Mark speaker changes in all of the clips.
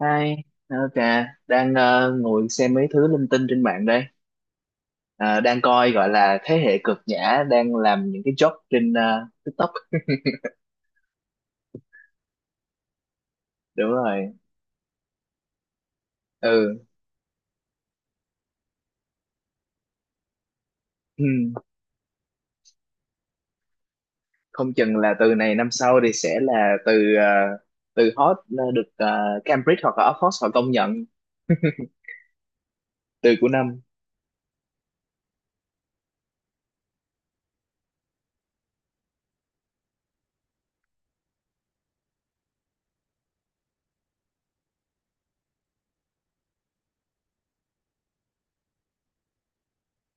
Speaker 1: Hi, ok, đang ngồi xem mấy thứ linh tinh trên mạng đây. Ờ, Đang coi gọi là thế hệ cực nhã đang làm những cái job trên TikTok. Đúng rồi. Ừ. Ừ. Không chừng là từ này năm sau thì sẽ là từ từ hot là được, Cambridge hoặc là Oxford họ công nhận từ của năm.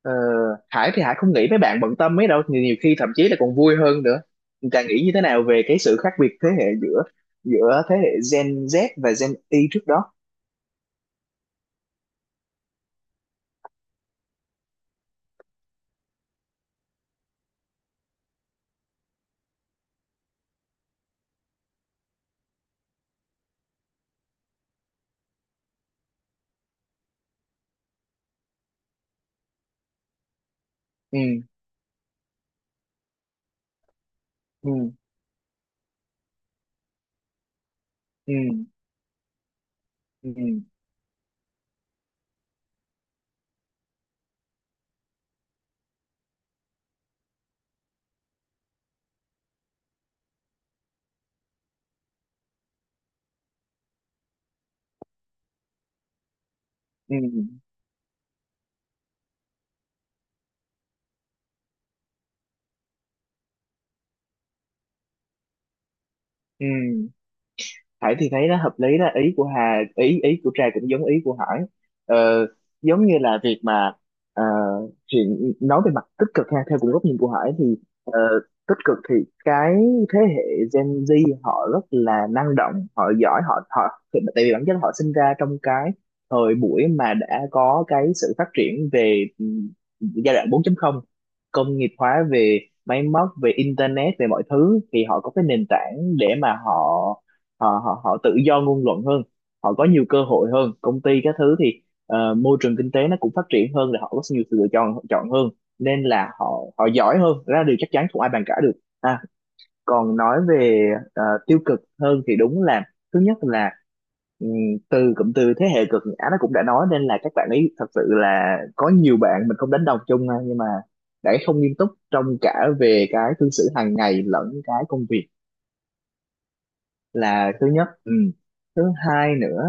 Speaker 1: Ờ, Hải thì Hải không nghĩ mấy bạn bận tâm mấy đâu, nhiều, nhiều khi thậm chí là còn vui hơn nữa. Càng nghĩ như thế nào về cái sự khác biệt thế hệ giữa giữa thế hệ Gen Z và Gen Y trước đó. Ừ. Ừ. Ừ. Ừ. Ừ. Ừ. Ừ. Hải thì thấy nó hợp lý, đó ý của Hà, ý ý của Trà cũng giống ý của Hải. ờ, Giống như là việc mà ờ, chuyện nói về mặt tích cực ha, theo cũng góc nhìn của Hải thì ờ, tích cực thì cái thế hệ Gen Z họ rất là năng động, họ giỏi, họ họ tại vì bản chất họ sinh ra trong cái thời buổi mà đã có cái sự phát triển về giai đoạn 4.0, công nghiệp hóa về máy móc, về internet, về mọi thứ thì họ có cái nền tảng để mà họ họ họ họ tự do ngôn luận hơn, họ có nhiều cơ hội hơn, công ty các thứ thì môi trường kinh tế nó cũng phát triển hơn, là họ có nhiều sự lựa chọn chọn hơn, nên là họ họ giỏi hơn. Đó là điều chắc chắn không ai bàn cãi được. À, còn nói về tiêu cực hơn thì đúng là thứ nhất là, ừm, từ cụm từ thế hệ cực á, nó cũng đã nói nên là các bạn ấy thật sự là có nhiều bạn, mình không đánh đồng chung ha, nhưng mà đã không nghiêm túc trong cả về cái cư xử hàng ngày lẫn cái công việc, là thứ nhất. Ừ. Thứ hai nữa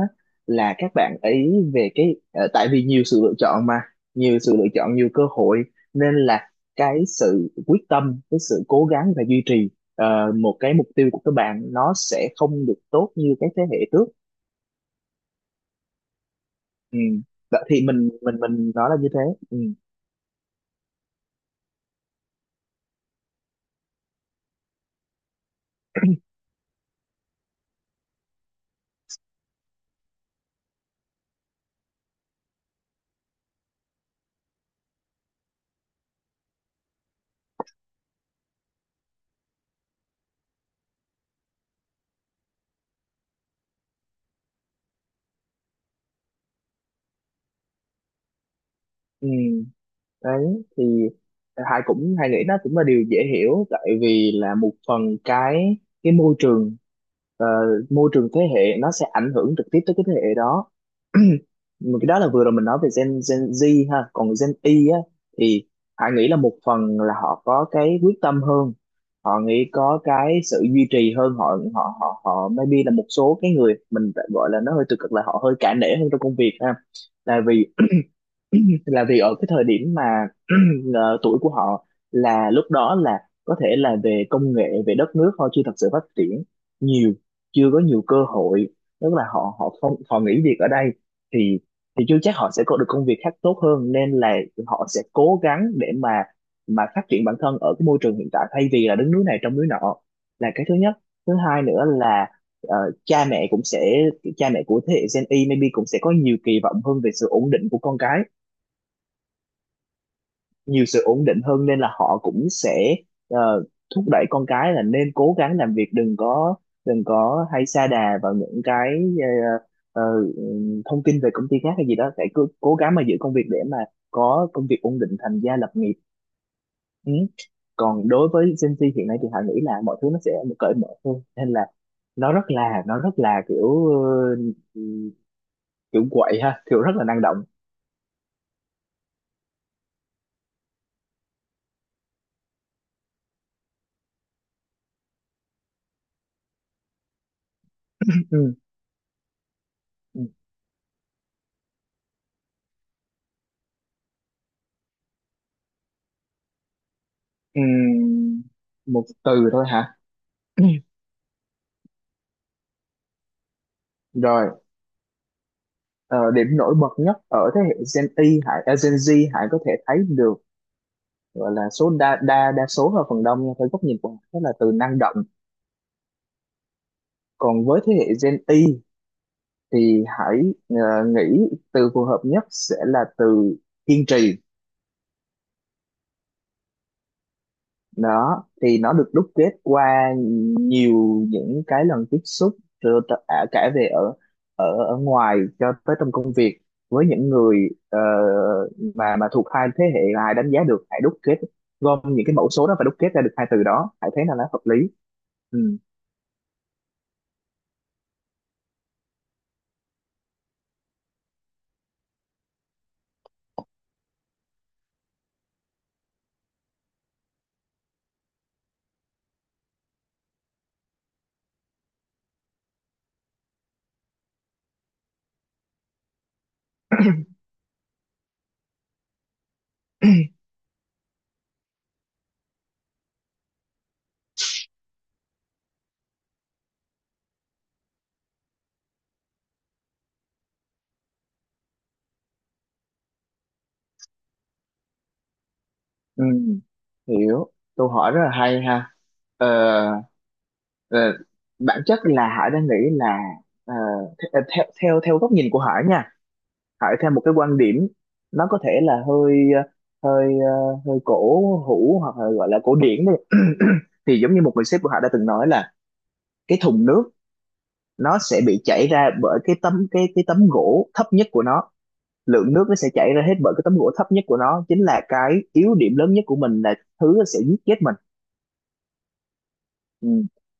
Speaker 1: là các bạn ấy về cái tại vì nhiều sự lựa chọn mà, nhiều sự lựa chọn, nhiều cơ hội, nên là cái sự quyết tâm, cái sự cố gắng và duy trì một cái mục tiêu của các bạn nó sẽ không được tốt như cái thế hệ trước. Ừ. Vậy thì mình nói là như thế. Ừ. Ừ. Đấy thì Hải nghĩ nó cũng là điều dễ hiểu, tại vì là một phần cái môi trường, ờ, môi trường thế hệ nó sẽ ảnh hưởng trực tiếp tới cái thế hệ đó. Mà cái đó là vừa rồi mình nói về Gen Gen Z ha, còn Gen Y á thì Hải nghĩ là một phần là họ có cái quyết tâm hơn, họ nghĩ có cái sự duy trì hơn, họ họ họ họ maybe là một số cái người mình gọi là nó hơi tiêu cực là họ hơi cả nể hơn trong công việc ha, là vì là vì ở cái thời điểm mà tuổi của họ là lúc đó là có thể là về công nghệ, về đất nước họ chưa thật sự phát triển nhiều, chưa có nhiều cơ hội, tức là họ họ không, họ nghỉ việc ở đây thì chưa chắc họ sẽ có được công việc khác tốt hơn, nên là họ sẽ cố gắng để mà phát triển bản thân ở cái môi trường hiện tại thay vì là đứng núi này trông núi nọ, là cái thứ nhất. Thứ hai nữa là, ờ, cha mẹ cũng sẽ, cha mẹ của thế hệ Gen Y maybe cũng sẽ có nhiều kỳ vọng hơn về sự ổn định của con cái, nhiều sự ổn định hơn nên là họ cũng sẽ ờ, thúc đẩy con cái là nên cố gắng làm việc, đừng có hay sa đà vào những cái ờ, ờ, ừ, thông tin về công ty khác hay gì đó, phải cứ cố gắng mà giữ công việc để mà có công việc ổn định, thành gia lập nghiệp. Ừ. Còn đối với Gen Z hiện nay thì họ nghĩ là mọi thứ nó sẽ cởi mở hơn, nên là nó rất là kiểu kiểu quậy ha, kiểu rất là năng động. Ừ. Ừ. Một từ thôi hả? Rồi. Ờ, điểm nổi bật nhất ở thế hệ Gen Z Hải có thể thấy được, gọi là số đa đa đa số là phần đông nha, theo góc nhìn của Hải, đó là từ năng động. Còn với thế hệ Gen Y thì Hải ờ, nghĩ từ phù hợp nhất sẽ là từ kiên trì. Đó thì nó được đúc kết qua nhiều những cái lần tiếp xúc rồi, cả về ở ở ở ngoài cho tới trong công việc với những người mà thuộc hai thế hệ, là ai đánh giá được, hãy đúc kết, gom những cái mẫu số đó và đúc kết ra được hai từ đó, hãy thấy là nó hợp lý. Ừ. Ừ. Hiểu, câu hỏi rất là hay ha. Ờ, ờ, Bản chất là Hải đang nghĩ là, ờ, theo theo theo góc nhìn của Hải nha, hỏi theo một cái quan điểm, nó có thể là hơi hơi, hơi cổ hủ, hoặc là gọi là cổ điển đi. Thì giống như một người sếp của họ đã từng nói là, cái thùng nước nó sẽ bị chảy ra bởi cái tấm, cái tấm gỗ thấp nhất của nó, lượng nước nó sẽ chảy ra hết bởi cái tấm gỗ thấp nhất của nó, chính là cái yếu điểm lớn nhất của mình, là thứ nó sẽ giết chết mình. Ừ.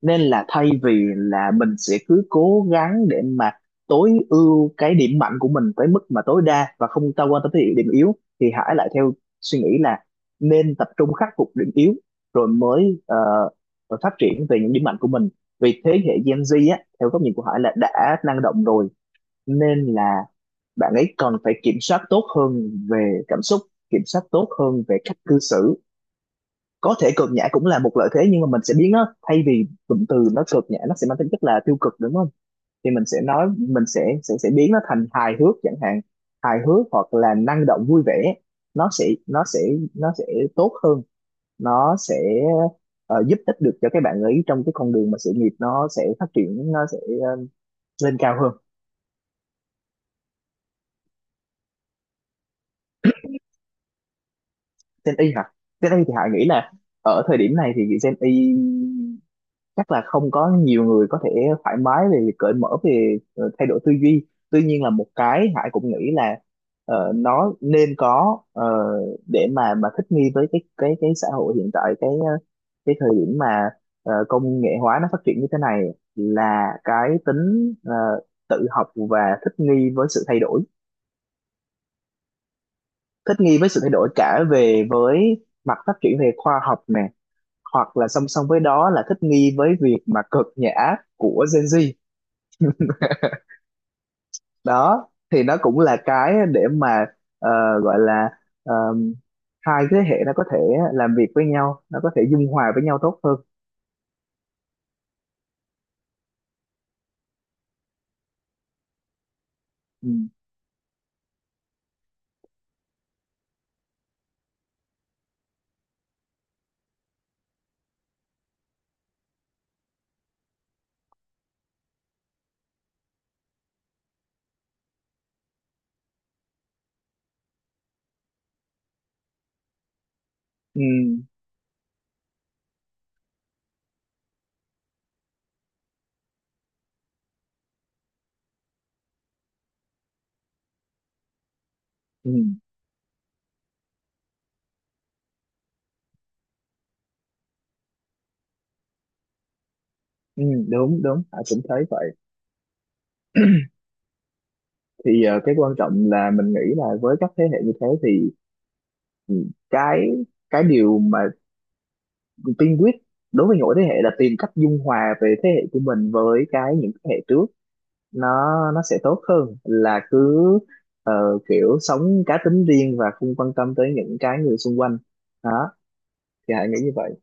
Speaker 1: Nên là thay vì là mình sẽ cứ cố gắng để mà tối ưu cái điểm mạnh của mình tới mức mà tối đa và không ta quan tâm tới điểm yếu, thì hãy lại theo suy nghĩ là nên tập trung khắc phục điểm yếu rồi mới rồi phát triển về những điểm mạnh của mình. Vì thế hệ Gen Z á, theo góc nhìn của Hải là đã năng động rồi, nên là bạn ấy còn phải kiểm soát tốt hơn về cảm xúc, kiểm soát tốt hơn về cách cư xử. Có thể cực nhã cũng là một lợi thế, nhưng mà mình sẽ biến nó, thay vì cụm từ nó cực nhã nó sẽ mang tính chất là tiêu cực đúng không, thì mình sẽ nói mình sẽ biến nó thành hài hước chẳng hạn, hài hước hoặc là năng động vui vẻ, nó sẽ nó sẽ nó sẽ tốt hơn, nó sẽ giúp ích được cho các bạn ấy trong cái con đường mà sự nghiệp nó sẽ phát triển, nó sẽ ờ, lên cao hơn. Gen Y hả? Gen Y thì Hải nghĩ là ở thời điểm này thì Gen Y chắc là không có nhiều người có thể thoải mái về cởi mở về thay đổi tư duy. Tuy nhiên là một cái Hải cũng nghĩ là nó nên có, để mà thích nghi với cái xã hội hiện tại, cái cái thời điểm mà công nghệ hóa nó phát triển như thế này, là cái tính tự học và thích nghi với sự thay đổi, thích nghi với sự thay đổi cả về với mặt phát triển về khoa học nè, hoặc là song song với đó là thích nghi với việc mà cực nhã của Gen Z. Đó thì nó cũng là cái để mà ờ, gọi là ờ, hai thế hệ nó có thể làm việc với nhau, nó có thể dung hòa với nhau tốt hơn. Ừ. Ừ. Ừ. Ừ. Đúng đúng, Hải cũng thấy vậy. Thì cái quan trọng là mình nghĩ là với các thế hệ như thế thì, ừ, cái điều mà tiên quyết đối với mỗi thế hệ là tìm cách dung hòa về thế hệ của mình với cái những thế hệ trước, nó nó sẽ tốt hơn là cứ kiểu sống cá tính riêng và không quan tâm tới những cái người xung quanh. Đó thì hãy nghĩ như vậy.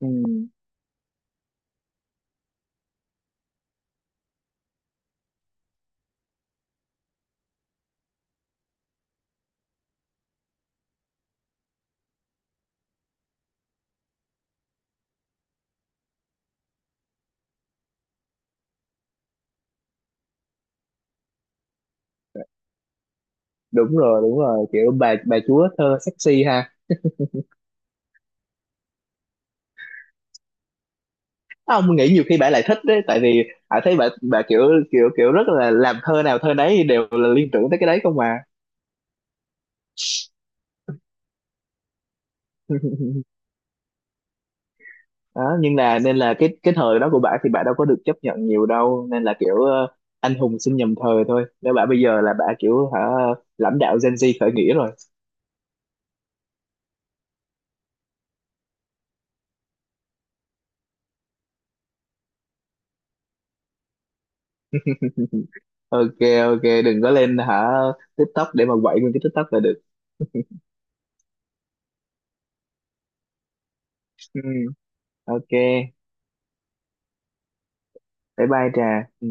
Speaker 1: Ừ, đúng rồi đúng rồi, kiểu bà chúa thơ sexy ha. Á, ông nghĩ nhiều khi bà lại thích đấy, tại vì hãy thấy bà kiểu, kiểu rất là làm thơ nào thơ nấy đều là liên tưởng tới cái đấy không mà. Đó, nhưng là nên là cái thời đó của bà thì bà đâu có được chấp nhận nhiều đâu, nên là kiểu anh hùng sinh nhầm thời thôi, nếu bà bây giờ là bà kiểu hả, lãnh đạo Gen Z khởi nghĩa rồi. Ok, ok đừng có lên hả, TikTok để mà quậy nguyên cái TikTok là được. Ừ, ok, bye bye Trà. Ừ.